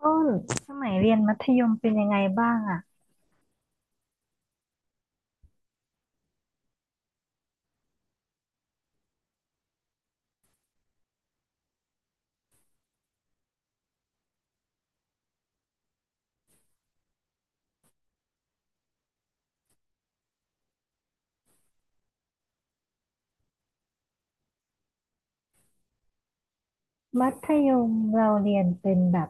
ต้นสมัยเรียนมัธยมเป็นยังไงบ้างอะมัธยมเราเรียนเป็นแบบ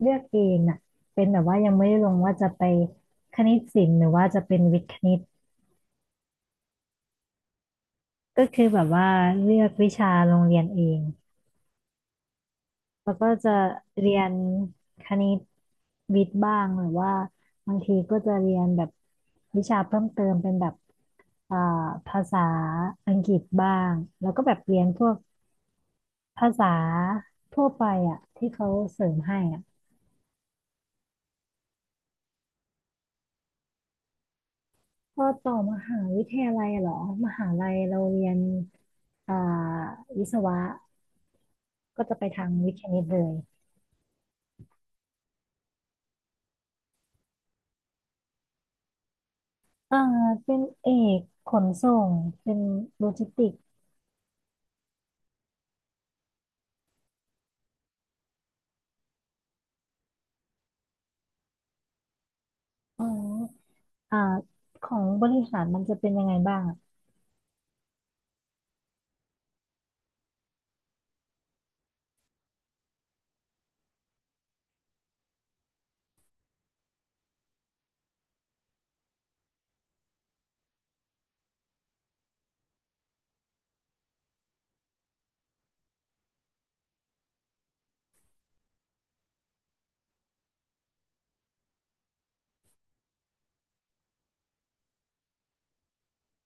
เลือกเองอะเป็นแบบว่ายังไม่ได้ลงว่าจะไปคณิตศิลป์หรือว่าจะเป็นวิทย์คณิตก็คือแบบว่าเลือกวิชาโรงเรียนเองแล้วก็จะเรียนคณิตวิทย์บ้างหรือว่าบางทีก็จะเรียนแบบวิชาเพิ่มเติมเป็นแบบอ่าภาษาอังกฤษบ้างแล้วก็แบบเรียนพวก ภาษาทั่วไปอ่ะที่เขาเสริมให้อ่ะพอต่อมหาวิทยาลัยเหรอมหาลัยเราเรียนอ่าวิศวะก็จะไปทางวิทย์คณิตเลยอ่าเป็นเอกขนส่งเป็นโลจิสติกส์อ๋ออ่าของบริหารมันจะเป็นยังไงบ้างอะ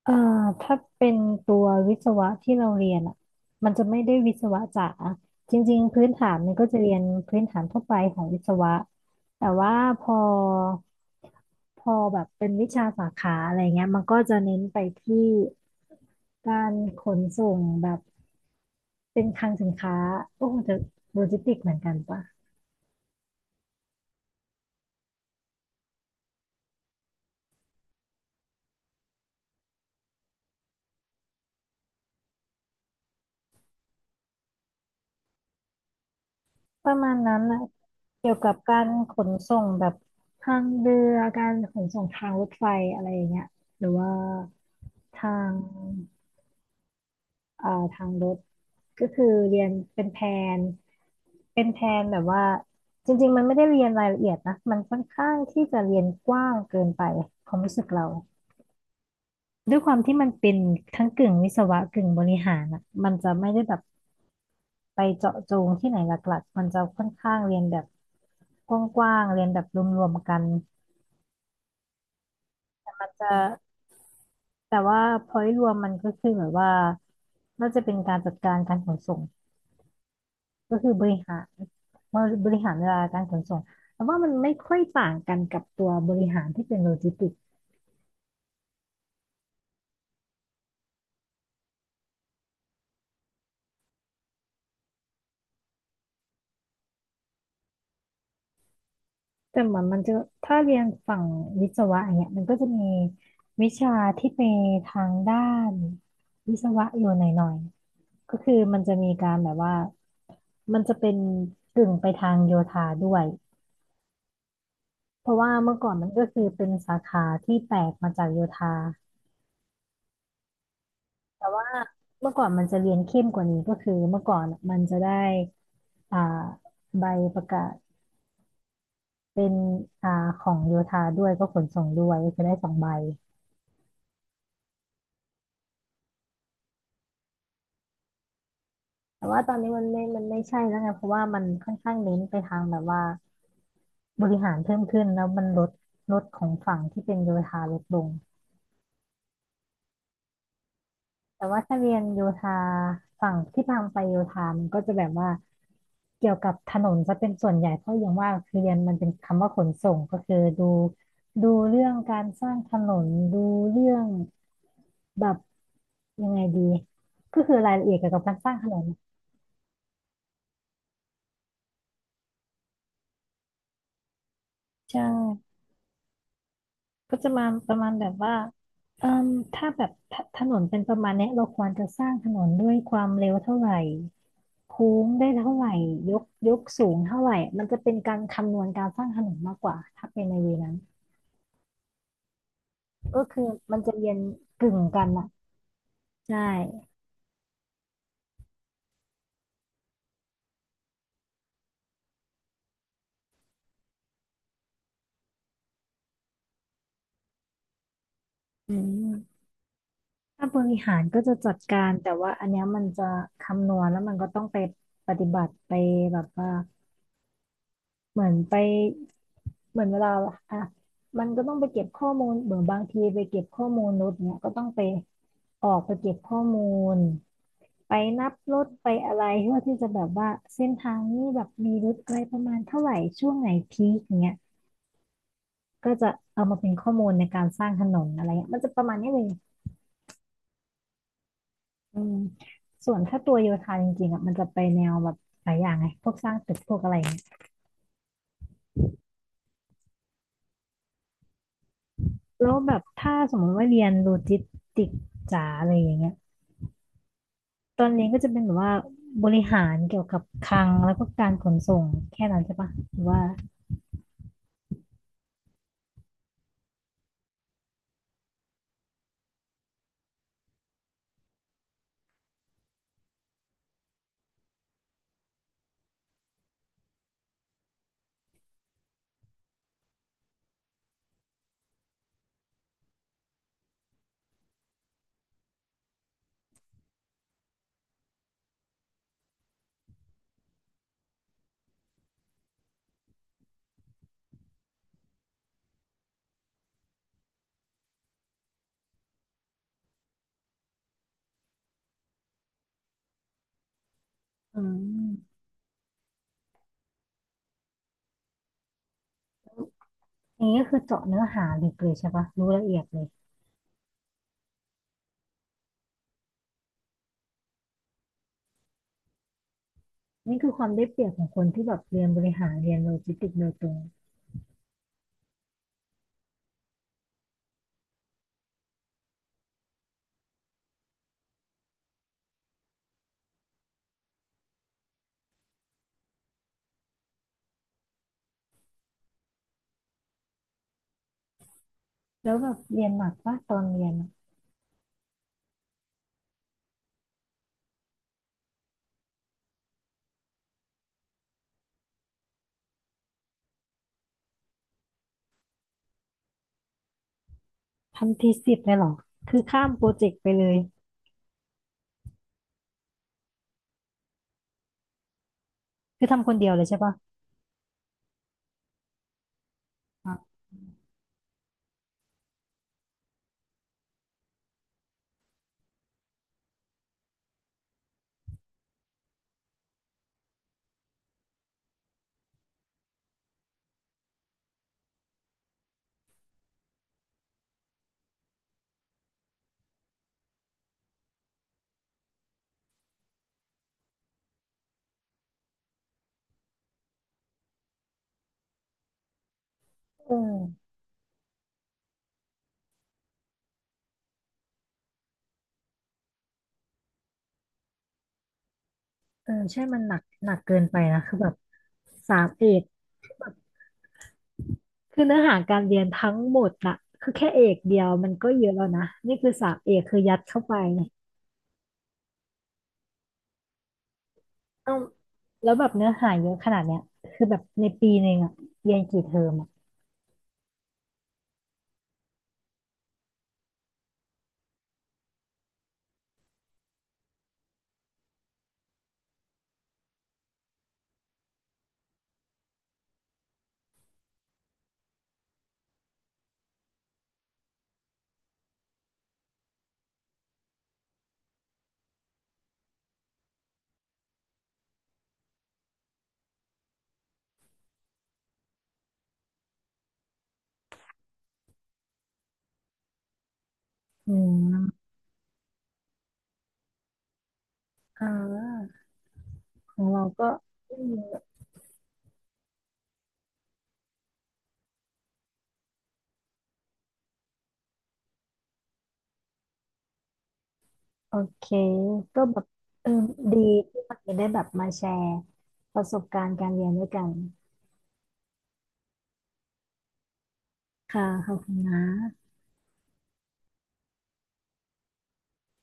เอ่อถ้าเป็นตัววิศวะที่เราเรียนอ่ะมันจะไม่ได้วิศวะจ๋าจริงๆพื้นฐานมันก็จะเรียนพื้นฐานทั่วไปของวิศวะแต่ว่าพอพอแบบเป็นวิชาสาขาอะไรเงี้ยมันก็จะเน้นไปที่การขนส่งแบบเป็นคลังสินค้าโอ้จะโลจิสติกเหมือนกันปะ ประมาณนั้นนะเกี่ยวกับการขนส่งแบบทางเรือการขนส่งทางรถไฟอะไรอย่างเงี้ยหรือว่าทางเอ่อทางรถก็คือเรียนเป็นแผนเป็นแผนแบบว่าจริงๆมันไม่ได้เรียนรายละเอียดนะมันค่อนข้างที่จะเรียนกว้างเกินไปความรู้สึกเราด้วยความที่มันเป็นทั้งกึ่งวิศวะกึ่งบริหารอ่ะมันจะไม่ได้แบบ ไปเจาะจงที่ไหนหลักๆมันจะค่อนข้างเรียนแบบกว้างๆเรียนแบบรวมๆกันมันจะแต่ว่า point รวมมันก็คือแบบว่าน่าจะเป็นการจัดการการขนส่งก็คือบริหารบริหารเวลาการขนส่งแต่ว่ามันไม่ค่อยต่างกันกับตัวบริหารที่เป็นโลจิสติกส์แต่มันจะถ้าเรียนฝั่งวิศวะอย่างเงี้ยมันก็จะมีวิชาที่ไปทางด้านวิศวะอยู่หน่อยๆก็คือมันจะมีการแบบว่า มันจะเป็นกึ่งไปทางโยธาด้วยเพราะว่าเมื่อก่อนมันก็คือเป็นสาขาที่แตกมาจากโยธาแต่ว่าเมื่อก่อนมันจะเรียนเข้มกว่านี้ก็คือเมื่อก่อนมันจะได้อ่าใบประกาศเป็นอ่าของโยธาด้วยก็ขนส่งด้วยก็คือได้สองใบแต่ว่าตอนนี้มันไม่ใช่แล้วไงเพราะว่ามันค่อนข้างเน้นไปทางแบบว่าบริหารเพิ่มขึ้นแล้วมันลดของฝั่งที่เป็นโยธาลดลง แต่ว่าถ้าเรียนโยธาฝั่งที่พังไปโยธามันก็จะแบบว่าเกี่ยวกับถนนซะเป็นส่วนใหญ่เพราะอย่างว่าคือเรียนมันเป็นคำว่าขนส่งก็คือดูเรื่องการสร้างถนนดูเรื่องแบบยังไงดีก็คือรายละเอียดเกี่ยวกับการสร้างถนนใช่ ก็จะมาประมาณแบบว่าเอ่มถ้าแบบถถนนเป็นประมาณเนี้ยเราควรจะสร้างถนนด้วยความเร็วเท่าไหร่โค้งได้เท่าไหร่ยกสูงเท่าไหร่มันจะเป็นการคำนวณการสร้างถนนมากกว่าถ้าเป็นในเวนั้นก็คือมันจะเรียนกึ่งกันอ่ะใช่อืมถ้าบริหารก็จะจัดการแต่ว่าอันเนี้ยมันจะคำนวณแล้วมันก็ต้องไปปฏิบัติไปแบบว่าเหมือนไป เหมือนเวลาอ่ะมันก็ต้องไปเก็บข้อมูลเหมือนบางทีไปเก็บข้อมูลรถเนี่ยก็ต้องไปออกไปเก็บข้อมูลไปนับรถไปอะไรเพื่อที่จะแบบว่าเส้นทางนี้แบบมีรถอะไรประมาณเท่าไหร่ช่วงไหนพีคอย่างเงี้ยก็จะเอามาเป็นข้อมูลในการสร้างถนนอะไรเงี้ยมันจะประมาณนี้เลยอืมส่วนถ้าตัวโยธาจริงๆอ่ะมันจะไปแนวแบบหลายอย่างไงพวกสร้างตึกพวกอะไรเงี้ยแล้วแบบถ้าสมมติว่าเรียนโลจิสติกส์จ๋าอะไรอย่างเงี้ย ตอนเรียนก็จะเป็นแบบว่าบริหารเกี่ยวกับคลังแล้วก็การขนส่งแค่นั้นใช่ปะหรือว่าอืมอย่างนี้ก็คือเจาะเนื้อหาลึกเลยใช่ปะรู้ละเอียดเลยนี่คือความได้เปรียบของคนที่แบบเรียนบริหารเรียนโลจิสติกส์โดยตรงแล้วแบบเรียนหนักปะตอนเรียนอะทำทีสิบเลยเหรอคือข้ามโปรเจกต์ไปเลยคือทำคนเดียวเลยใช่ปะอ่ะเออใช่มันหนักเกินไปนะคือแบบสามเอก คือเนื้อหาการเรียนทั้งหมดน่ะคือแค่เอกเดียวมันก็เยอะแล้วนะนี่คือสามเอกคือยัดเข้าไปต้องแล้วแบบเนื้อหาเยอะขนาดเนี้ยคือแบบในปีหนึ่งอะเรียนกี่เทอมอะอืมอ่าของเราก็อืมโอเคก็แบบเออดีที่วันนี้ได้แบบมาแชร์ประสบการณ์การเรียนด้วยกันค่ะขอบคุณนะ